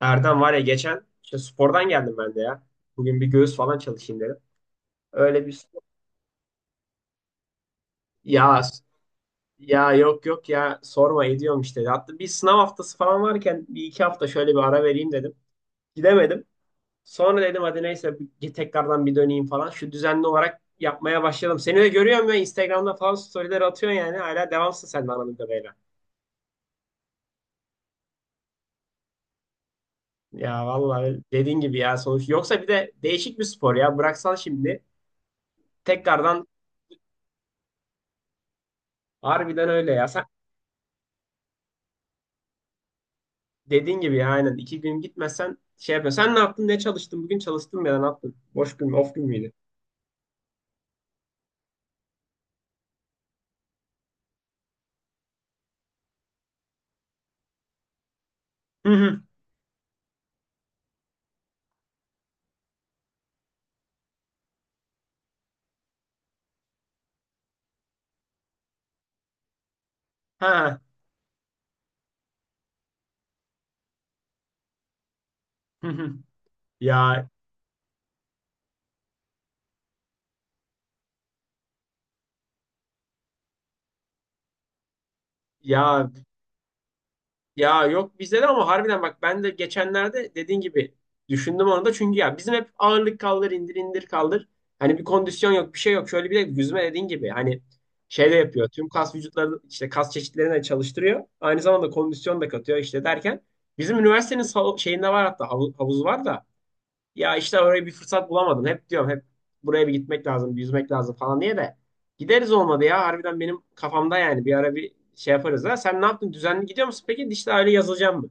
Erdem var ya, geçen işte spordan geldim ben de ya. Bugün bir göğüs falan çalışayım dedim. Öyle bir ya. Yok yok ya, sorma, ediyorum işte. Hatta bir sınav haftası falan varken bir iki hafta şöyle bir ara vereyim dedim. Gidemedim. Sonra dedim hadi neyse, bir tekrardan bir döneyim falan. Şu düzenli olarak yapmaya başladım. Seni de görüyorum ya, Instagram'da falan storyler atıyorsun yani. Hala devamsın sen de anladığım kadarıyla. Ya vallahi dediğin gibi ya, sonuç. Yoksa bir de değişik bir spor ya. Bıraksan şimdi tekrardan harbiden öyle ya. Sen dediğin gibi ya, aynen. İki gün gitmezsen şey yapma. Sen ne yaptın? Ne çalıştın? Bugün çalıştın mı ya? Da ne yaptın? Boş gün mü? Off gün müydü? Hı hı. Ha. Hı hı. Ya ya ya yok, bizde de ama harbiden bak, ben de geçenlerde dediğin gibi düşündüm onu da, çünkü ya bizim hep ağırlık kaldır indir, indir kaldır. Hani bir kondisyon yok, bir şey yok. Şöyle bir de yüzme, dediğin gibi hani, şey de yapıyor. Tüm kas vücutları işte, kas çeşitlerini de çalıştırıyor. Aynı zamanda kondisyon da katıyor işte derken. Bizim üniversitenin sal- şeyinde var, hatta havu- havuzu var da. Ya işte oraya bir fırsat bulamadım. Hep diyorum hep buraya bir gitmek lazım, bir yüzmek lazım falan diye de. Gideriz olmadı ya. Harbiden benim kafamda yani bir ara bir şey yaparız ha. Sen ne yaptın? Düzenli gidiyor musun? Peki dijital aile yazılacağım mı?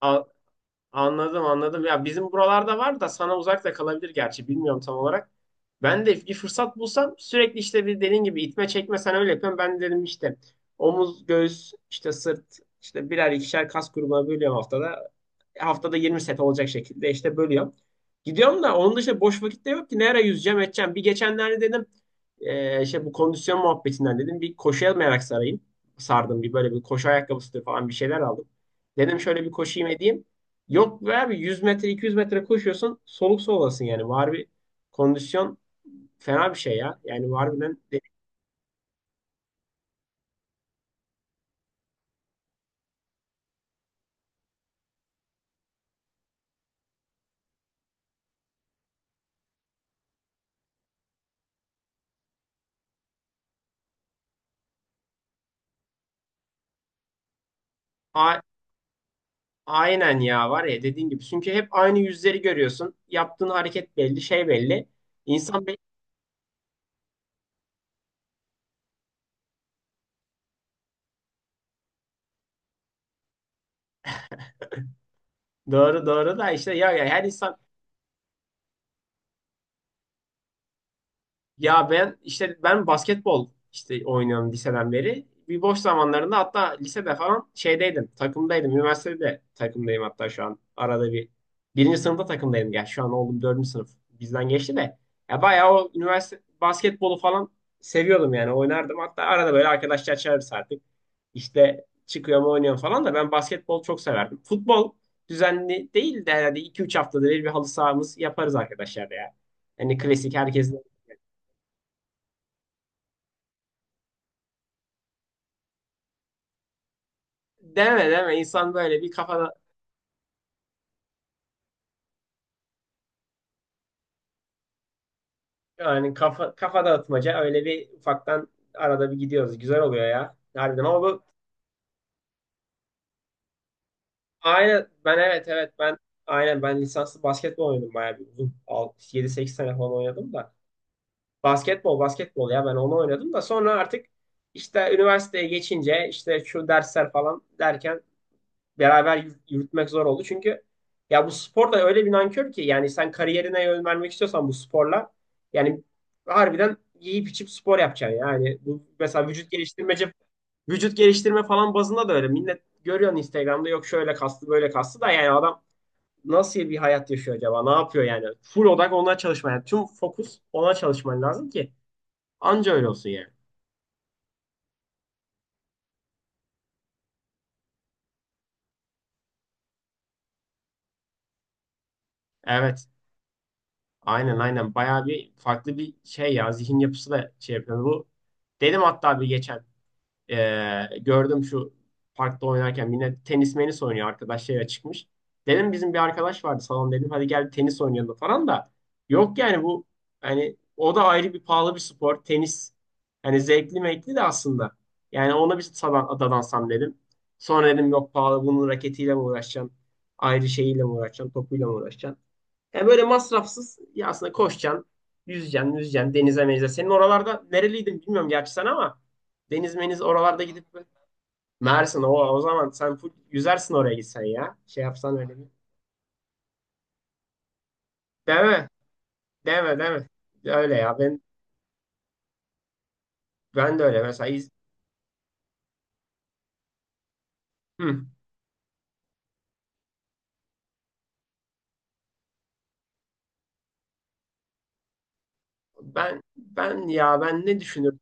A- anladım anladım. Ya bizim buralarda var da sana uzak da kalabilir gerçi. Bilmiyorum tam olarak. Ben de bir fırsat bulsam sürekli işte bir, dediğin gibi, itme çekme sen öyle yapıyorsun. Ben de dedim işte omuz, göğüs, işte sırt, işte birer ikişer kas grubuna bölüyorum haftada. Haftada 20 set olacak şekilde işte bölüyorum. Gidiyorum da onun dışında boş vakit de yok ki. Ne ara yüzeceğim edeceğim. Bir geçenlerde dedim, işte bu kondisyon muhabbetinden, dedim bir koşuya merak sarayım. Sardım bir, böyle bir koşu ayakkabısı falan bir şeyler aldım. Dedim şöyle bir koşayım edeyim. Yok be abi, 100 metre 200 metre koşuyorsun soluk solasın yani. Var bir kondisyon, fena bir şey ya. Yani harbiden de- a- aynen ya, var ya dediğin gibi. Çünkü hep aynı yüzleri görüyorsun. Yaptığın hareket belli, şey belli. İnsan doğru doğru da işte ya, ya her insan. Ya ben işte, ben basketbol işte oynuyorum liseden beri. Bir boş zamanlarında, hatta lisede falan şeydeydim, takımdaydım. Üniversitede de takımdayım hatta şu an. Arada bir birinci sınıfta takımdaydım. Ya şu an oğlum, dördüncü sınıf bizden geçti de. Ya bayağı o üniversite basketbolu falan seviyordum yani, oynardım. Hatta arada böyle arkadaşlar çağırırız artık. İşte çıkıyorum oynuyorum falan da, ben basketbol çok severdim. Futbol düzenli değil de, herhalde 2-3 haftada bir bir halı sahamız yaparız arkadaşlar ya. Hani klasik herkesin. Deme deme, insan böyle bir kafada, yani kafa kafa dağıtmaca öyle bir ufaktan arada bir gidiyoruz. Güzel oluyor ya. Harbiden ama bu aynen, ben evet evet, ben aynen ben lisanslı basketbol oynadım bayağı bir uzun. Yedi sekiz sene falan oynadım da. Basketbol basketbol, ya ben onu oynadım da sonra artık işte üniversiteye geçince, işte şu dersler falan derken beraber yürütmek zor oldu. Çünkü ya bu spor da öyle bir nankör ki, yani sen kariyerine yön vermek istiyorsan bu sporla, yani harbiden yiyip içip spor yapacaksın. Yani bu mesela vücut geliştirmece, vücut geliştirme falan bazında da öyle. Millet görüyorsun Instagram'da, yok şöyle kaslı böyle kaslı, da yani adam nasıl bir hayat yaşıyor acaba? Ne yapıyor yani? Full odak ona çalışman. Yani tüm fokus ona çalışman lazım ki anca öyle olsun yani. Evet. Aynen bayağı bir farklı bir şey ya, zihin yapısı da şey yapıyor. Bu dedim hatta bir geçen gördüm, şu parkta oynarken yine tenis menis oynuyor arkadaş, şeye çıkmış. Dedim bizim bir arkadaş vardı salon, dedim hadi gel tenis oynayalım falan da, yok yani bu, hani o da ayrı bir pahalı bir spor tenis, hani zevkli mekli de aslında, yani ona bir sadan, dadansam dedim. Sonra dedim yok, pahalı, bunun raketiyle mi uğraşacaksın, ayrı şeyiyle mi uğraşacaksın, topuyla mı uğraşacaksın. Yani böyle masrafsız ya aslında, koşacaksın, yüzeceksin, yüzeceksin, denize menize. Senin oralarda, nereliydin bilmiyorum gerçi sen ama, deniz meniz oralarda gidip Mersin, o, o zaman sen full yüzersin oraya gitsen ya. Şey yapsan öyle bir. Deme, deme, deme. Öyle ya ben, ben de öyle mesela İz- hı. Ben ben ya, ben ne düşünürüm?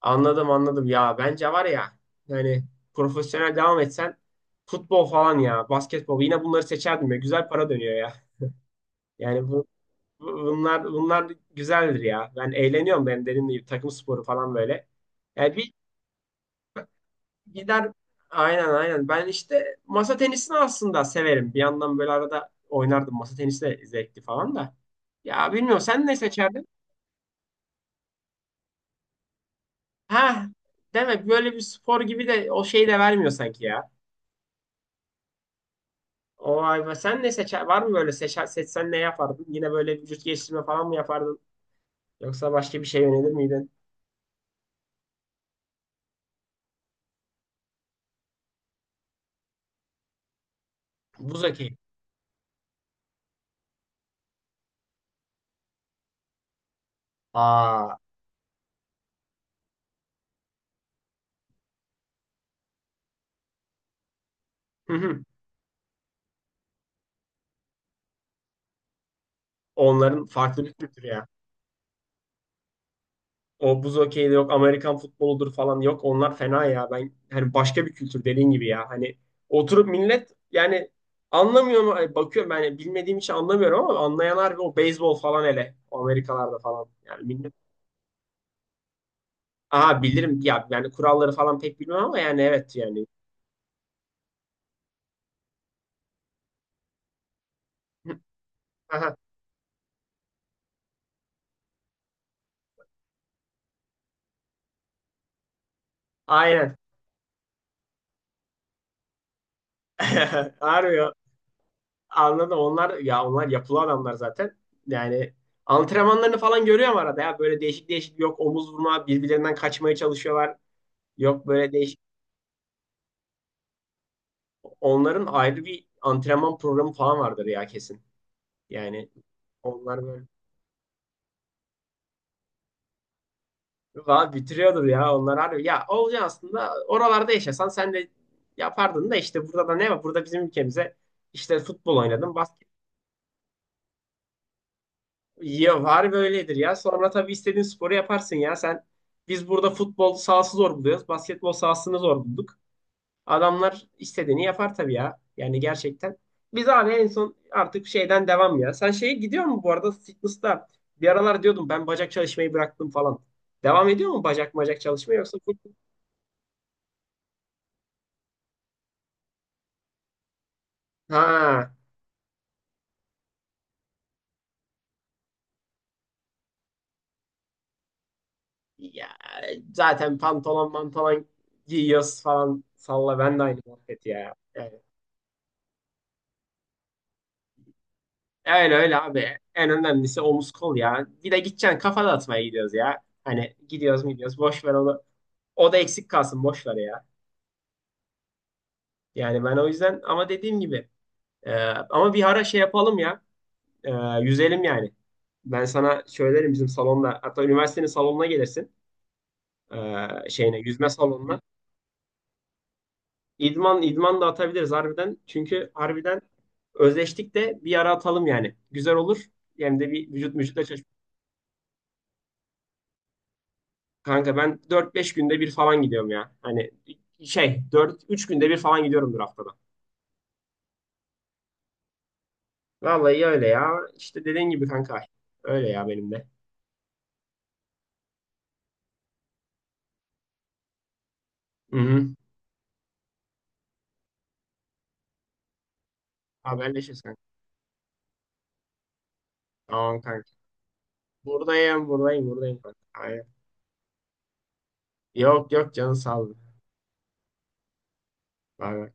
Anladım anladım ya, bence var ya, yani profesyonel devam etsen futbol falan ya basketbol, yine bunları seçerdim ya, güzel para dönüyor ya. Yani bu Bunlar güzeldir ya. Ben eğleniyorum, benim dediğim gibi takım sporu falan böyle. Yani bir gider, aynen. Ben işte masa tenisini aslında severim. Bir yandan böyle arada oynardım. Masa tenisi de zevkli falan da. Ya bilmiyorum, sen ne seçerdin? Ha, demek böyle bir spor gibi de o şeyi de vermiyor sanki ya. O ay be, sen ne seçer? Var mı böyle seçer, seçsen ne yapardın? Yine böyle vücut geliştirme falan mı yapardın? Yoksa başka bir şey yönelir miydin? Buz hokeyi. Aa. Onların farklı bir kültürü ya. O buz hokeyi de yok, Amerikan futboludur falan, yok. Onlar fena ya. Ben hani başka bir kültür dediğin gibi ya. Hani oturup millet yani anlamıyor mu? Ay, bakıyorum ben yani bilmediğim için anlamıyorum, ama anlayanlar, o beyzbol falan hele. O Amerikalarda falan. Yani millet. Aha, bilirim ya, yani kuralları falan pek bilmem ama yani evet yani. Aha, aynen. Harbi anladım. Onlar ya, onlar yapılı adamlar zaten. Yani antrenmanlarını falan görüyorum arada ya. Böyle değişik değişik, yok omuz vurma, birbirlerinden kaçmaya çalışıyorlar. Yok böyle değişik. Onların ayrı bir antrenman programı falan vardır ya, kesin. Yani onlar böyle vallahi bitiriyordur ya, onlar harbi. Ya olacağı aslında oralarda yaşasan sen de yapardın da, işte burada da ne var? Burada bizim ülkemize işte futbol oynadım, basket. Ya var böyledir ya. Sonra tabii istediğin sporu yaparsın ya. Sen, biz burada futbol sahası zor buluyoruz. Basketbol sahasını zor bulduk. Adamlar istediğini yapar tabii ya. Yani gerçekten. Biz abi en son artık şeyden devam ya. Sen şeye gidiyor mu bu arada, fitness'ta? Bir aralar diyordum ben, bacak çalışmayı bıraktım falan. Devam ediyor mu bacak çalışma yoksa full-? Ha. Ya zaten pantolon giyiyoruz falan. Salla, ben de aynı muhabbet ya. Yani öyle öyle abi. En önemlisi omuz kol ya. Bir de gideceksin, kafa dağıtmaya gidiyoruz ya. Hani gidiyoruz gidiyoruz. Boş ver onu. O da eksik kalsın. Boş ver ya. Yani ben o yüzden, ama dediğim gibi e, ama bir ara şey yapalım ya. E, yüzelim yani. Ben sana söylerim bizim salonda. Hatta üniversitenin salonuna gelirsin. Şeyine, yüzme salonuna. İdman, idman da atabiliriz harbiden. Çünkü harbiden özleştik de bir ara atalım yani. Güzel olur. Hem de bir vücut vücutla çalışmış. Kanka ben dört beş günde bir falan gidiyorum ya. Hani şey, dört üç günde bir falan gidiyorumdur haftada. Vallahi öyle ya. İşte dediğin gibi kanka. Öyle ya benim de. Hı hı. Haberleşiriz kanka. Tamam kanka. Buradayım kanka. Aynen. Yok yok, canın sağ ol. Bay bay.